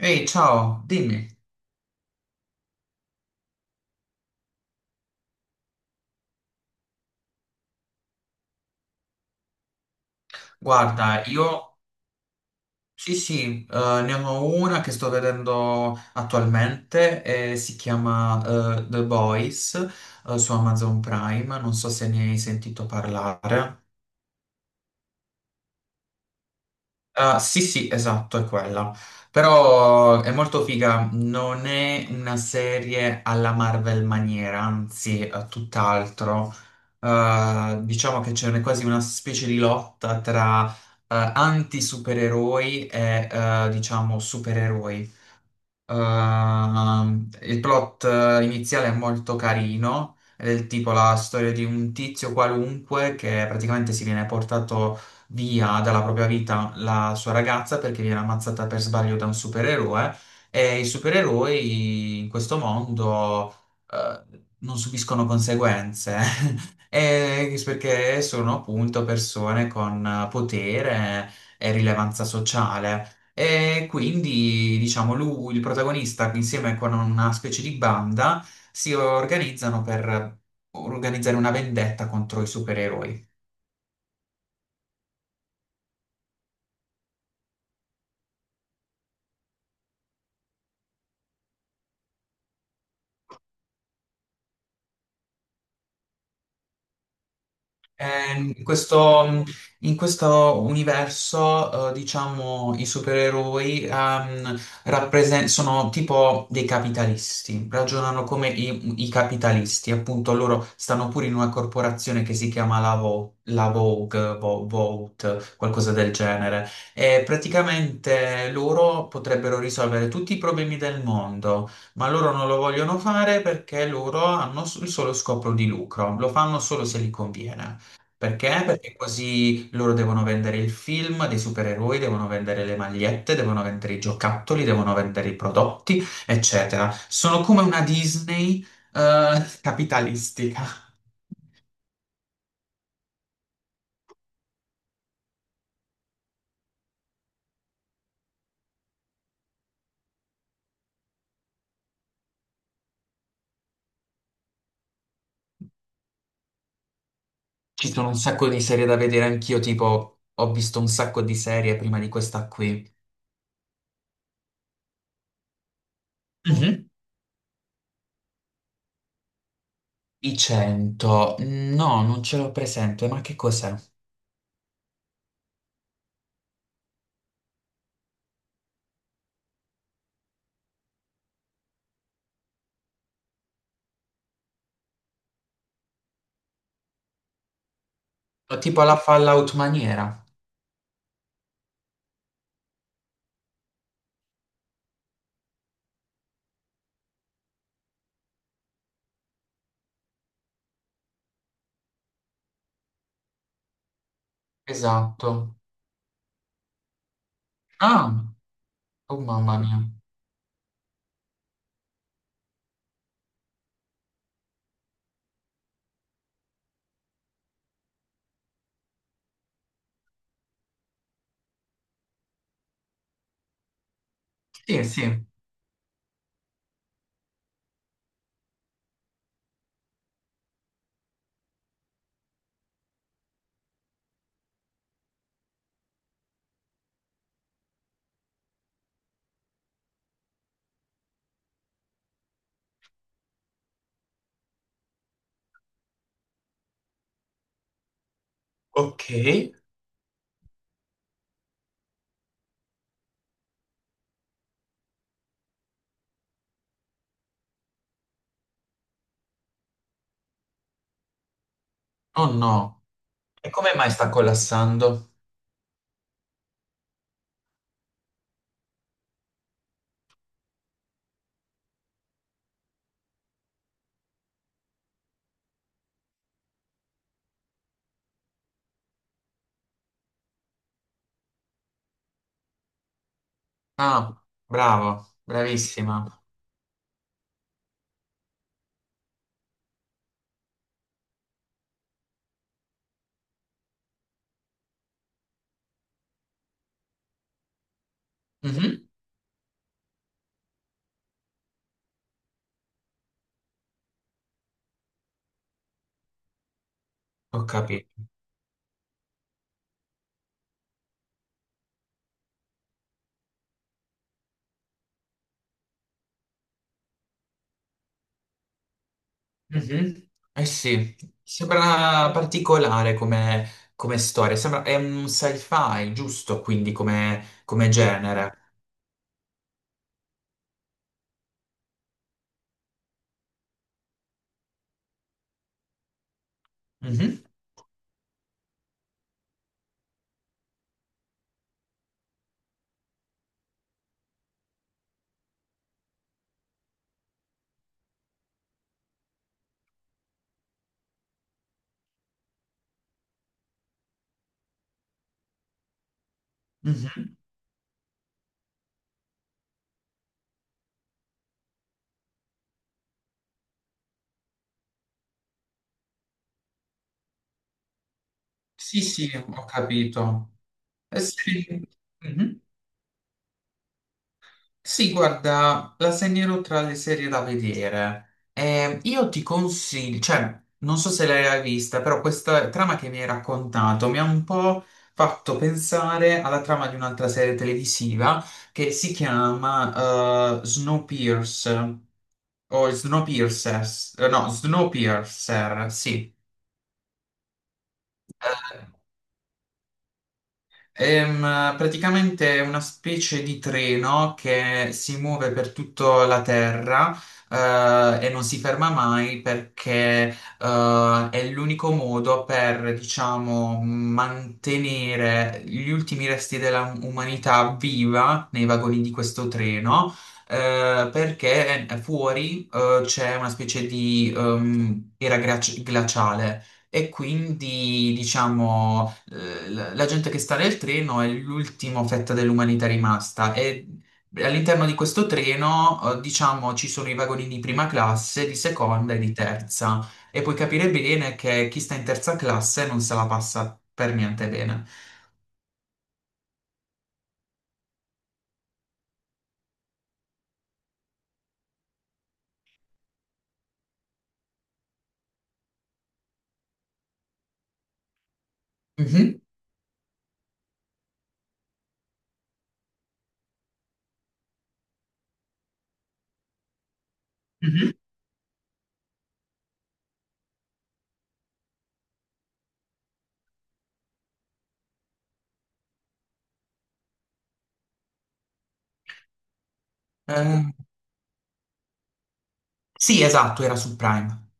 Ehi, ciao, dimmi. Guarda, io sì, sì, ne ho una che sto vedendo attualmente e si chiama The Boys su Amazon Prime. Non so se ne hai sentito parlare. Ah, sì, sì, esatto, è quella. Però è molto figa, non è una serie alla Marvel maniera, anzi, tutt'altro. Diciamo che quasi una specie di lotta tra anti-supereroi e diciamo supereroi. Il plot iniziale è molto carino, è del tipo la storia di un tizio qualunque che praticamente si viene portato via dalla propria vita la sua ragazza perché viene ammazzata per sbaglio da un supereroe e i supereroi in questo mondo eh, non subiscono conseguenze. Perché sono appunto persone con potere e rilevanza sociale. E quindi, diciamo, lui, il protagonista, insieme con una specie di banda, si organizzano per organizzare una vendetta contro i supereroi. Eh, in questo, in questo universo, diciamo, i supereroi sono tipo dei capitalisti, ragionano come i capitalisti, appunto loro stanno pure in una corporazione che si chiama la Vogue, Vogue, qualcosa del genere, e praticamente loro potrebbero risolvere tutti i problemi del mondo, ma loro non lo vogliono fare perché loro il solo scopo di lucro, lo fanno solo se gli conviene. Perché? Perché così loro devono vendere il film dei supereroi, devono vendere le magliette, devono vendere i giocattoli, devono vendere i prodotti, eccetera. Sono come una Disney, capitalistica. Ci sono un sacco di serie da vedere anch'io, tipo ho visto un sacco di serie prima di questa qui. Mhm. I 100, no, non ce l'ho presente, ma che cos'è? Tipo la Fallout maniera. Esatto. Ah, oh mamma mia. Sì, sì. Ok. Oh no, e come mai sta collassando? Ah, bravo, bravissima. Mhm. Ho capito. Mhm. Eh sì, sembra particolare come, come storia, sembra, è un sci-fi, giusto? Quindi come, come genere. Mhm, mhm. Sì, sì, ho capito. Eh sì. Mhm. Sì, guarda, la segnerò tra le serie da vedere. Io ti consiglio, cioè, non so se l'hai vista, però questa trama che mi hai raccontato mi ha un po' fatto pensare alla trama di un'altra serie televisiva che si chiama Snowpiercer o Snowpiercers, no, Snowpiercer, sì. Eh, praticamente è una specie di treno che si muove per tutta la Terra, e non si ferma mai perché, è l'unico modo per, diciamo, mantenere gli ultimi resti della umanità viva nei vagoni di questo treno, perché fuori, c'è una specie di, glaciale. E quindi, diciamo, la gente che sta nel treno è l'ultima fetta dell'umanità rimasta e all'interno di questo treno, diciamo, ci sono i vagoni di prima classe, di seconda e di terza e puoi capire bene che chi sta in terza classe non se la passa per niente bene. Mhm. Mhm. Eh, sì, esatto, era su Prime.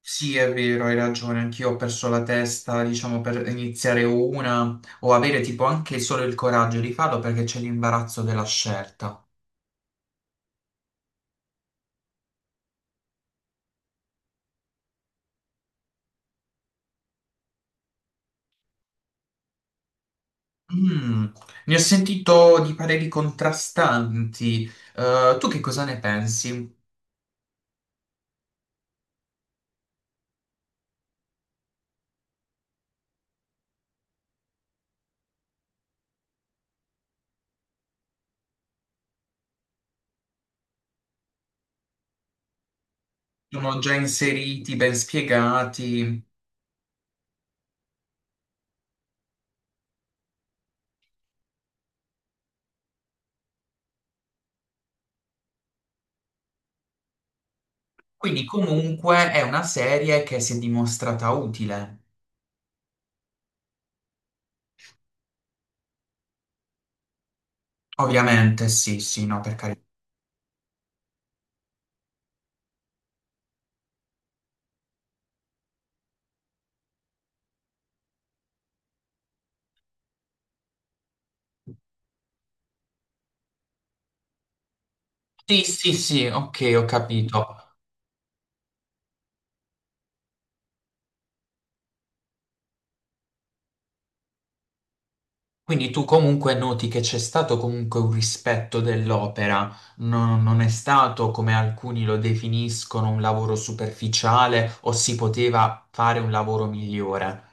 Sì, è vero, hai ragione, anch'io ho perso la testa, diciamo, per iniziare una o avere tipo anche solo il coraggio di farlo perché c'è l'imbarazzo della scelta. Mm, ne ho sentito di pareri contrastanti. Tu che cosa ne pensi? Sono già inseriti, ben spiegati. Quindi comunque è una serie che si è dimostrata utile. Ovviamente, sì, sì, no, per carità. Sì, sì, sì, ok, ho capito. Quindi tu comunque noti che c'è stato comunque un rispetto dell'opera. No, non è stato come alcuni lo definiscono un lavoro superficiale o si poteva fare un lavoro migliore.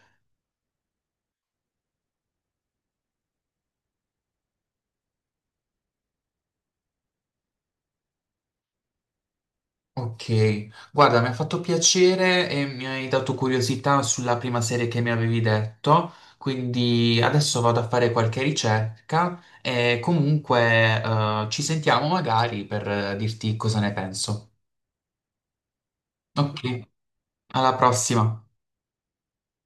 Ok, guarda, mi ha fatto piacere e mi hai dato curiosità sulla prima serie che mi avevi detto, quindi adesso vado a fare qualche ricerca e comunque ci sentiamo magari per dirti cosa ne penso. Ok, alla prossima.